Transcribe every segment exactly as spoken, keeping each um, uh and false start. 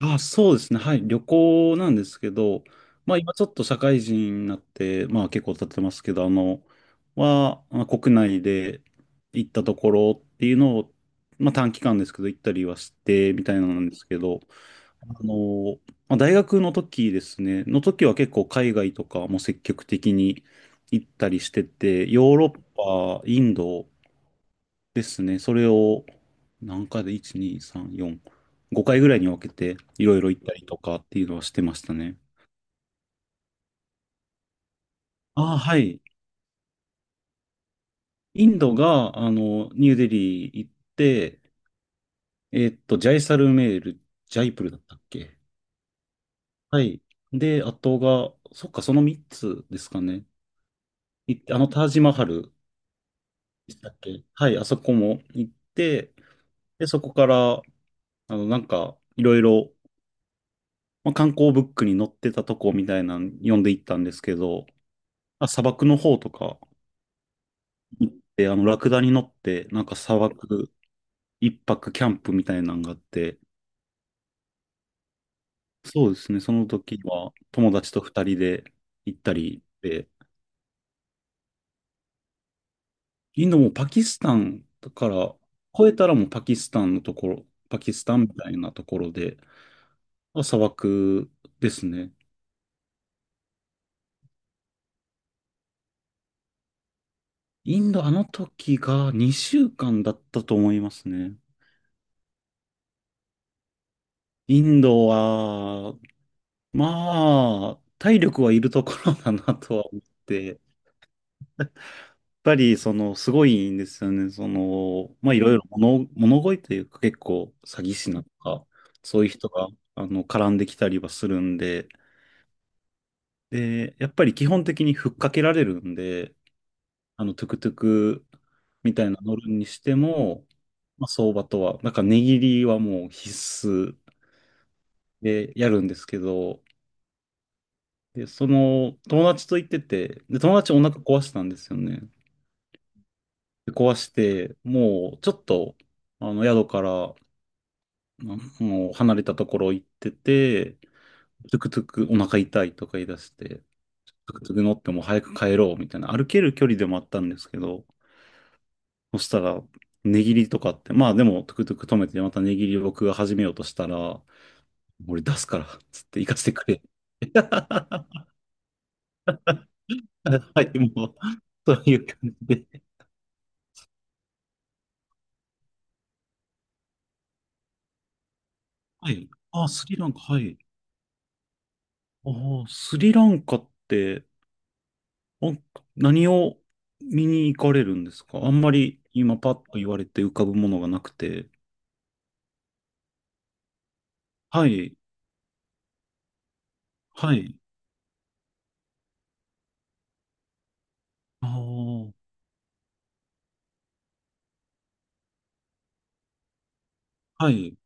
あ、そうですね。はい。旅行なんですけど、まあ今ちょっと社会人になって、まあ結構経ってますけど、あの、は、まあ国内で行ったところっていうのを、まあ短期間ですけど行ったりはして、みたいなのなんですけど、あの、まあ、大学の時ですね、の時は結構海外とかも積極的に行ったりしてて、ヨーロッパ、インドですね。それを、何回で、いち、に、さん、よん、ごかいぐらいに分けて、いろいろ行ったりとかっていうのはしてましたね。ああ、はい。インドが、あの、ニューデリー行って、えーっと、ジャイサルメール、ジャイプルだったっけ。はい。で、あとが、そっか、そのみっつですかね。行って、あの、タージマハルでしたっけ。はい、あそこも行って、で、そこから、あの、なんか、いろいろ、まあ、観光ブックに載ってたとこみたいなの読んでいったんですけど、あ、砂漠の方とか行って、あの、ラクダに乗って、なんか砂漠いっぱくキャンプみたいなのがあって、そうですね、その時は友達とふたりで行ったりで、インドもパキスタンだから、越えたらもうパキスタンのところ、パキスタンみたいなところで、砂漠ですね。インド、あの時がにしゅうかんだったと思いますね。インドは、まあ、体力はいるところだなとは思って、ぱり、その、すごいんですよね。その、まあ、いろいろ物、物乞いというか、結構、詐欺師なんとか、そういう人が、あの、絡んできたりはするんで、で、やっぱり基本的にふっかけられるんで、あの、トゥクトゥクみたいな乗るにしても、まあ、相場とは、なんか、値切りはもう必須でやるんですけど、で、その、友達と行ってて、で、友達お腹壊したんですよね。で壊して、もう、ちょっと、あの、宿からまあもう離れたところ行ってて、トゥクトゥクお腹痛いとか言い出して、トゥクトゥク乗ってもう早く帰ろうみたいな、歩ける距離でもあったんですけど、そしたら、値切りとかって、まあでもトゥクトゥク止めてまた値切りを僕が始めようとしたら、俺出すから、つって行かせてくれ。はい、もう、そういう感じで。はい。あ、スリランカ、はい。ああ、スリランカって、あ、何を見に行かれるんですか？あんまり今パッと言われて浮かぶものがなくて。はい、はい。ああ、はい。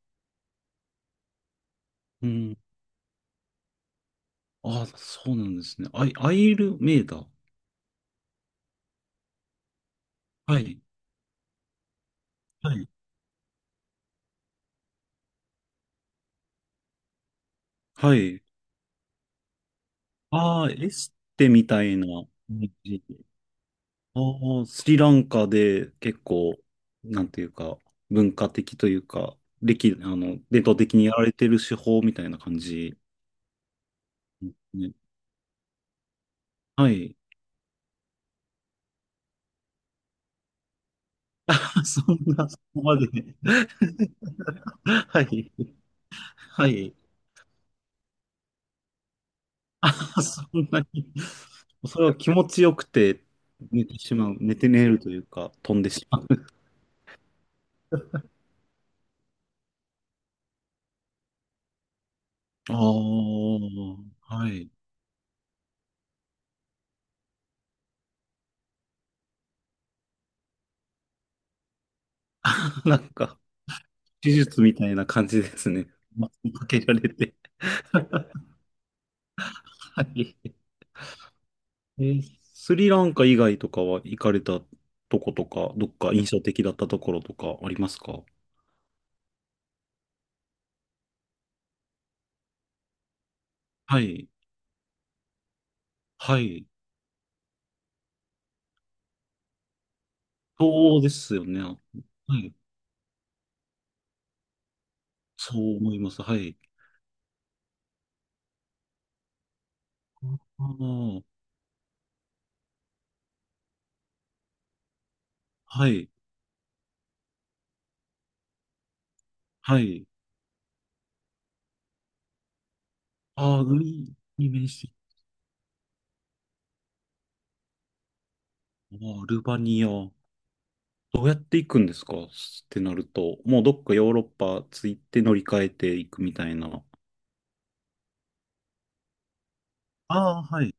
うん。ああ、そうなんですね。アイ、アイルメイダー。はい、はい、はい。ああ、エステみたいな感じ。ああ、スリランカで結構、なんていうか、文化的というか、歴、あの、伝統的にやられてる手法みたいな感じですね。はい。そんな、そこまで。はい。はい。あ、そんなに。それは気持ちよくて寝てしまう。寝て寝るというか、飛んでしまう。ああ、はい。なんか、手術みたいな感じですね。まかけられて。はい。えー、スリランカ以外とかは行かれたとことか、どっか印象的だったところとかありますか？はい。はい。そうですよね。はい。そう思います。はい。ああ、はい、はい。ああ、海に面して、ああ、アルバニア。どうやって行くんですかってなると、もうどっかヨーロッパ着いて乗り換えていくみたいな。ああ、はい、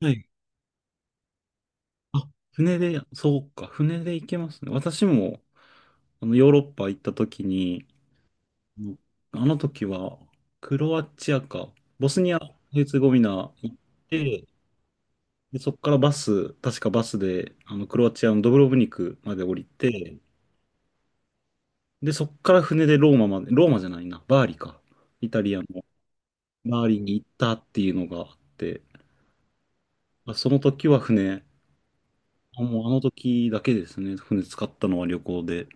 はい。あ、船で、そうか、船で行けますね。私も、あの、ヨーロッパ行った時に、うん、あの時は、クロアチアか、ボスニア、ヘルツェゴビナ行って、で、そこからバス、確かバスで、あの、クロアチアのドブロブニクまで降りて、で、そっから船でローマまで、ローマじゃないな、バーリか。イタリアのバーリに行ったっていうのがあって、まあその時は船、あ、もうあの時だけですね、船使ったのは旅行で。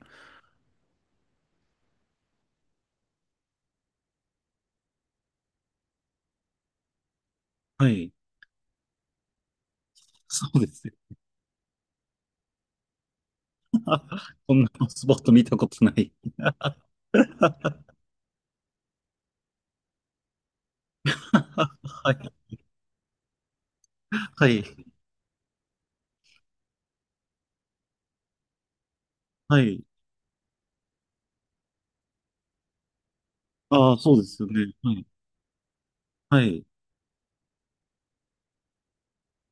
はい。そうですね。こんなスポット見たことない。はい。はい。はい。ああ、そうですよね。はい。はい。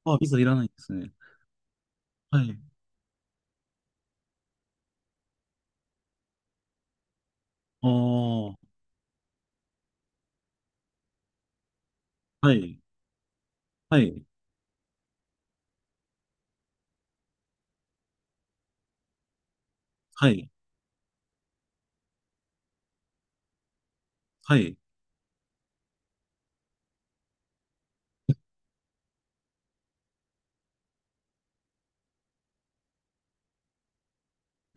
あ、ビザいらないですね。はい。ああ、はい。はい。はい。はい。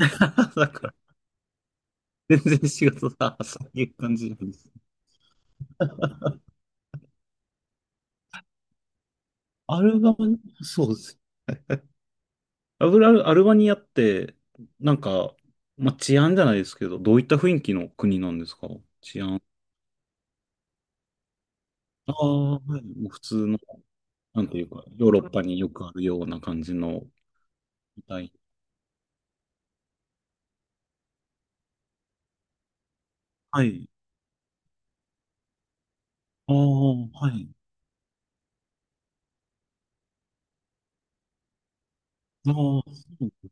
だから、全然仕事が、そういう感じなんです。アルバニ、そうです。アルバアルバニアって、なんか、まあ、治安じゃないですけど、どういった雰囲気の国なんですか？治安。ああ、はい。もう普通の、なんていうか、ヨーロッパによくあるような感じの、みたい。はい。ああ、はい。ああ、そう、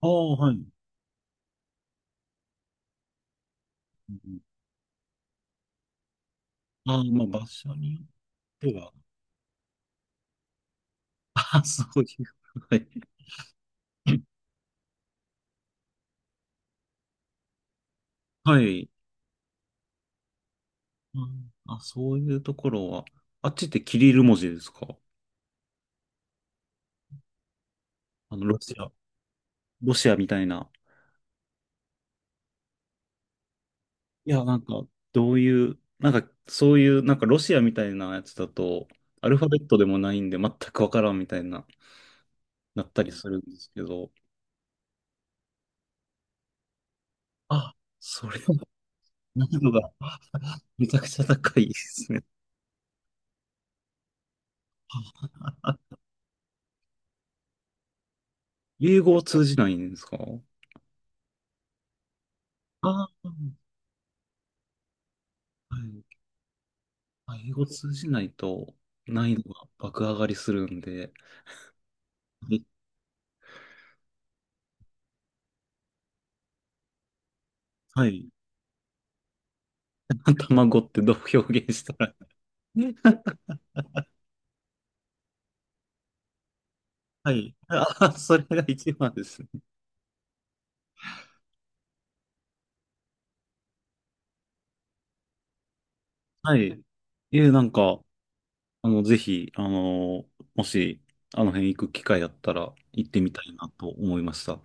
ああ、はい。うん、ああ、まあ、場所によっては、ああ、そういう。はい。はい。うん、あ、そういうところは、あっちってキリル文字ですか？あの、ロシア、ロシアみたいな。いや、なんか、どういう、なんか、そういう、なんか、ロシアみたいなやつだと、アルファベットでもないんで、全くわからんみたいな、なったりするんですけど、あ、それは難易度がめちゃくちゃ高いですね。あ、英語を通じないんですか？ああ、はい。あ、英語通じないと、難易度が爆上がりするんで、え、はい。卵ってどう表現したら。 はい。あ、それが一番ですね。はい。え、なんか、あの、ぜひ、あの、もし、あの辺行く機会あったら行ってみたいなと思いました。